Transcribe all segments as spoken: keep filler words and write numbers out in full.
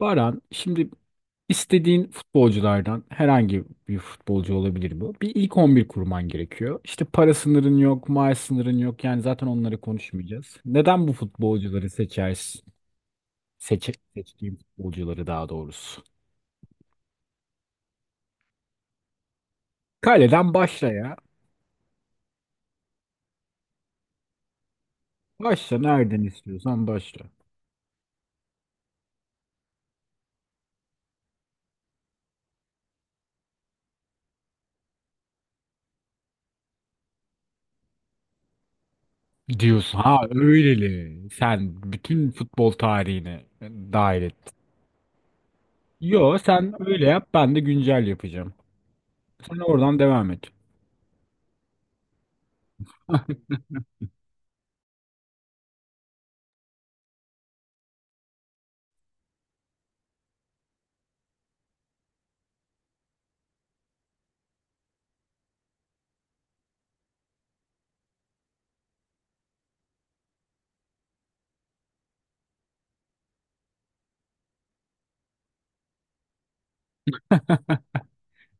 Baran, şimdi istediğin futbolculardan herhangi bir futbolcu olabilir bu. Bir ilk on bir kurman gerekiyor. İşte para sınırın yok, maaş sınırın yok. Yani zaten onları konuşmayacağız. Neden bu futbolcuları seçersin? Seçe, seçtiğin futbolcuları daha doğrusu. Kaleden başla ya. Başla nereden istiyorsan başla. Diyorsun ha öyleli. Sen bütün futbol tarihini dahil et. Yo, sen öyle yap, ben de güncel yapacağım. Sen oradan devam et.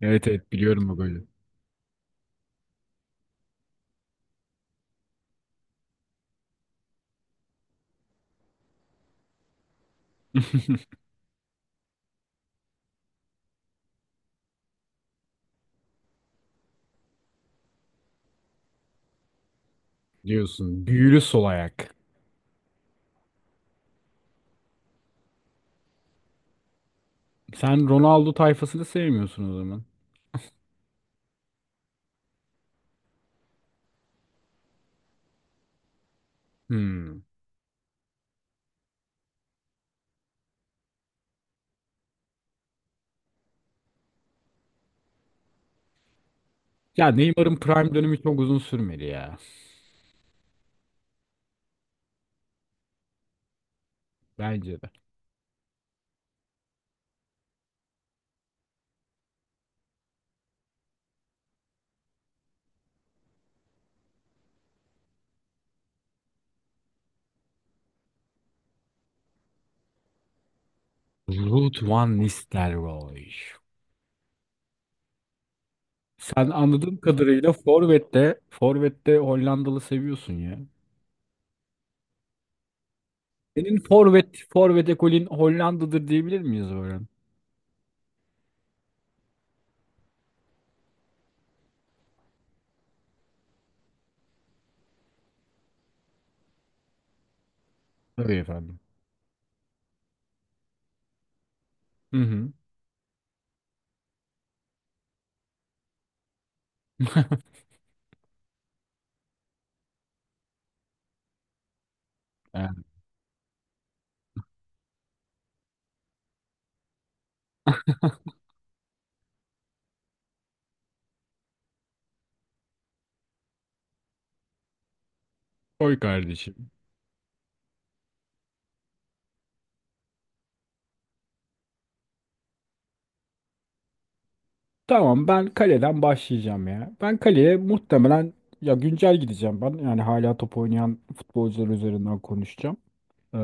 Evet, evet, biliyorum o golü. Diyorsun. Büyülü sol ayak. Sen Ronaldo tayfasını sevmiyorsun o zaman. Hmm. Ya Neymar'ın prime dönemi çok uzun sürmedi ya. Bence de. Ruud van Nistelrooy. Sen anladığım kadarıyla Forvet'te Forvet'te Hollandalı seviyorsun ya. Senin Forvet Forvet ekolün Hollanda'dır diyebilir miyiz Orhan? Tabii efendim. Hı hı. Yani, koy kardeşim. Tamam, ben kaleden başlayacağım ya. Ben kaleye muhtemelen ya güncel gideceğim ben. Yani hala top oynayan futbolcular üzerinden konuşacağım. Ee,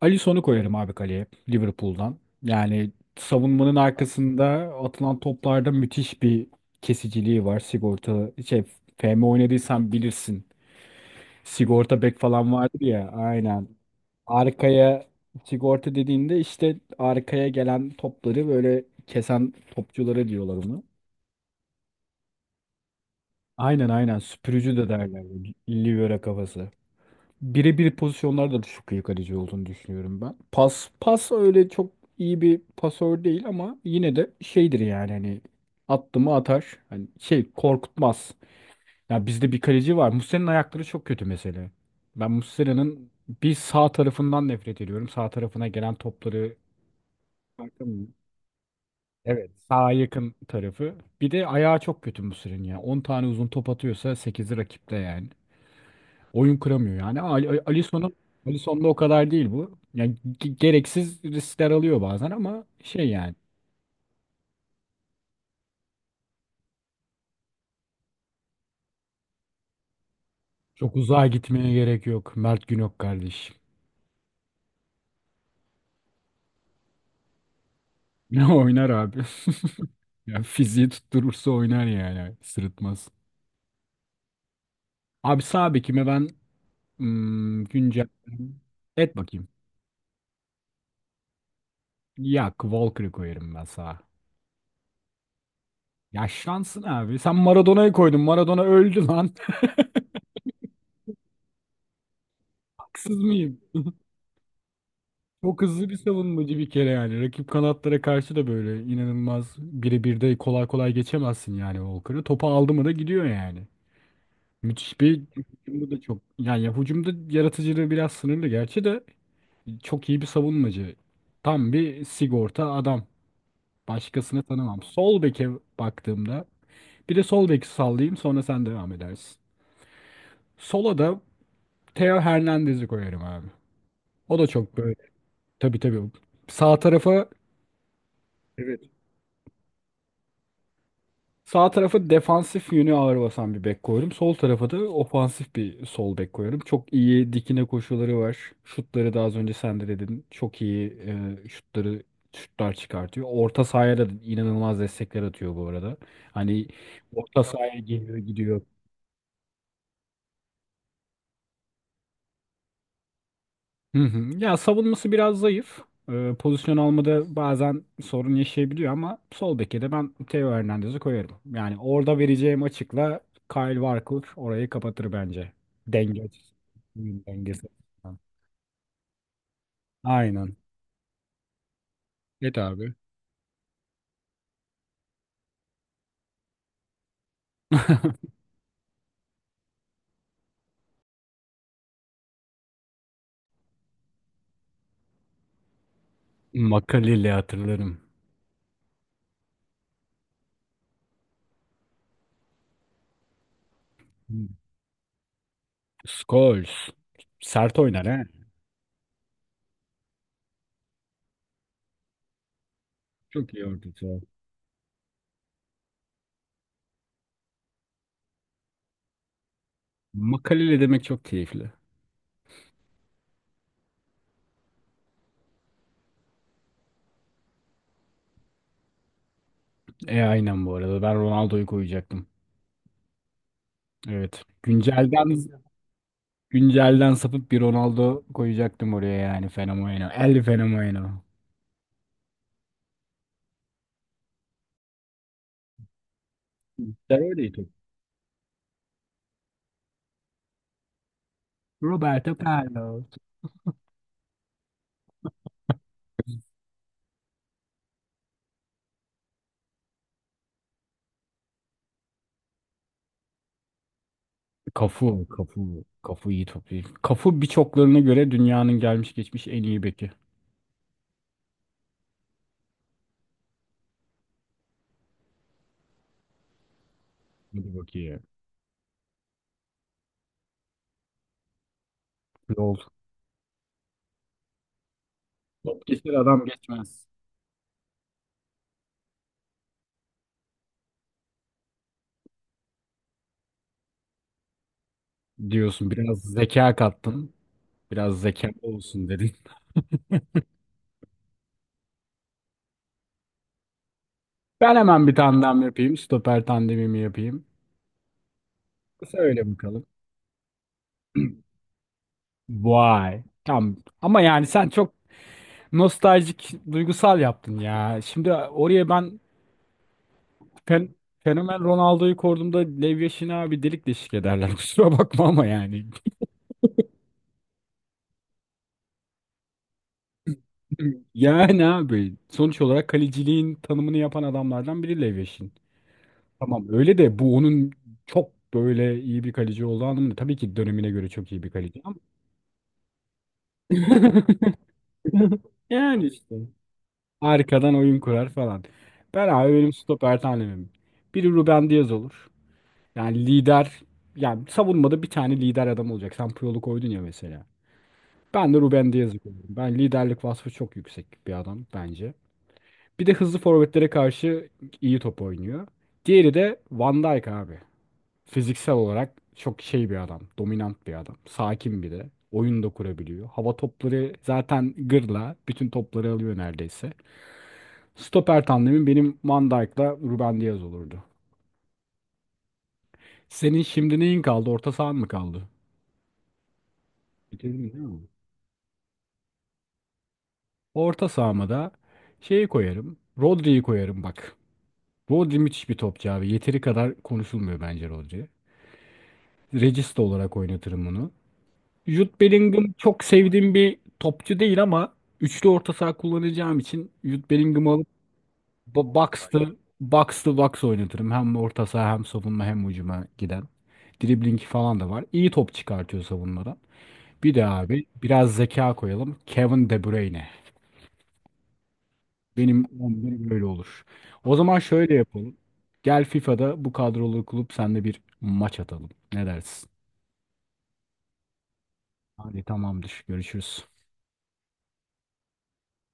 Alisson'u koyarım abi kaleye Liverpool'dan. Yani savunmanın arkasında atılan toplarda müthiş bir kesiciliği var. Sigorta şey F M oynadıysan bilirsin. Sigorta bek falan vardır ya, aynen. Arkaya sigorta dediğinde işte arkaya gelen topları böyle kesen topçuları diyorlar ona. Aynen, aynen, süpürücü de derler. Livera kafası. Birebir pozisyonlarda da çok iyi kaleci olduğunu düşünüyorum ben. Pas pas öyle çok iyi bir pasör değil ama yine de şeydir yani, hani attı mı atar. Hani şey, korkutmaz. Ya bizde bir kaleci var. Muslera'nın ayakları çok kötü mesela. Ben Muslera'nın bir sağ tarafından nefret ediyorum. Sağ tarafına gelen topları. Bakın, evet, sağa yakın tarafı. Bir de ayağı çok kötü Muslera'nın ya. On tane uzun top atıyorsa sekizi rakipte yani. Oyun kıramıyor yani. Ali- Alisson'un Alisson'da o kadar değil bu. Yani ge- gereksiz riskler alıyor bazen ama şey yani. Çok uzağa gitmeye gerek yok. Mert Günok kardeşim. Ne oynar abi? Ya fiziği tutturursa oynar yani. Sırıtmaz. Abi sağ bekime ben hmm, güncel et bakayım. Ya Walker'ı koyarım ben sağa. Yaşlansın abi. Sen Maradona'yı koydun. Maradona öldü lan. Haksız mıyım? Çok hızlı bir savunmacı bir kere yani. Rakip kanatlara karşı da böyle inanılmaz, birebir de kolay kolay geçemezsin yani Walker'ı. Topu aldı mı da gidiyor yani. Müthiş bir hücumda da çok. Yani ya hücumda yaratıcılığı biraz sınırlı gerçi de çok iyi bir savunmacı. Tam bir sigorta adam. Başkasını tanımam. Sol beke baktığımda, bir de sol beki sallayayım sonra sen devam edersin. Sola da Theo Hernandez'i koyarım abi. O da çok böyle. Tabii, tabii. Sağ tarafa Sağ tarafı defansif yönü ağır basan bir bek koydum. Sol tarafa da ofansif bir sol bek koyuyorum. Çok iyi dikine koşuları var. Şutları da az önce sen de dedin. Çok iyi e, şutları şutlar çıkartıyor. Orta sahaya da inanılmaz destekler atıyor bu arada. Hani orta sahaya geliyor, gidiyor. Hı hı. Ya savunması biraz zayıf. Ee, pozisyon almada bazen sorun yaşayabiliyor ama sol beke de ben Theo Hernandez'i koyarım. Yani orada vereceğim açıkla Kyle Walker orayı kapatır bence. Denge açısından, oyun dengesi açısından. Aynen. Evet abi. Makaleli hatırlarım. Hı. Scholes. Sert oynar he. Çok iyi ortası. Makaleli demek çok keyifli. E aynen bu arada. Ben Ronaldo'yu koyacaktım. Evet. Güncelden Güncelden sapıp bir Ronaldo koyacaktım oraya, yani Fenomeno. El Fenomeno. Ben öyle top. Roberto Carlos. Cafu, Cafu, Cafu iyi topçu. Cafu birçoklarına göre dünyanın gelmiş geçmiş en iyi beki. Hadi bakayım. Yol. Top geçer adam geçmez diyorsun. Biraz zeka kattın. Biraz zeka olsun dedin. Ben hemen bir tandem yapayım. Stoper tandemimi yapayım. Söyle bakalım. Vay. Tamam. Ama yani sen çok nostaljik, duygusal yaptın ya. Şimdi oraya ben fen- fenomen Ronaldo'yu koyduğumda Lev abi delik deşik ederler. Kusura bakma ama yani. Yani abi sonuç olarak kaleciliğin tanımını yapan adamlardan biri Lev Yashin. Tamam öyle de bu onun çok böyle iyi bir kaleci olduğu anlamında. Tabii ki dönemine göre çok iyi bir kaleci ama. Yani işte. Arkadan oyun kurar falan. Ben abi, benim stoper tanemim. Biri Ruben Diaz olur. Yani lider, yani savunmada bir tane lider adam olacak. Sen Puyol'u koydun ya mesela. Ben de Ruben Dias'ı koydum. Ben liderlik vasfı çok yüksek bir adam bence. Bir de hızlı forvetlere karşı iyi top oynuyor. Diğeri de Van Dijk abi. Fiziksel olarak çok şey bir adam. Dominant bir adam. Sakin bir de. Oyun da kurabiliyor. Hava topları zaten gırla. Bütün topları alıyor neredeyse. Stoper tandemim benim Van Dijk'la Ruben Dias olurdu. Senin şimdi neyin kaldı? Orta sahan mı kaldı? Bitirdin değil mi? Orta sahama da şeyi koyarım. Rodri'yi koyarım bak. Rodri müthiş bir topçu abi. Yeteri kadar konuşulmuyor bence Rodri. Regista olarak oynatırım onu. Jude Bellingham çok sevdiğim bir topçu değil ama üçlü orta saha kullanacağım için Jude Bellingham'ı alıp bo- box to box oynatırım. Hem orta saha, hem savunma, hem hücuma giden. Dribbling falan da var. İyi top çıkartıyor savunmadan. Bir de abi biraz zeka koyalım. Kevin De Bruyne. Benim on bir böyle olur. O zaman şöyle yapalım. Gel FIFA'da bu kadrolu kulüp senle bir maç atalım. Ne dersin? Hadi tamamdır. Görüşürüz.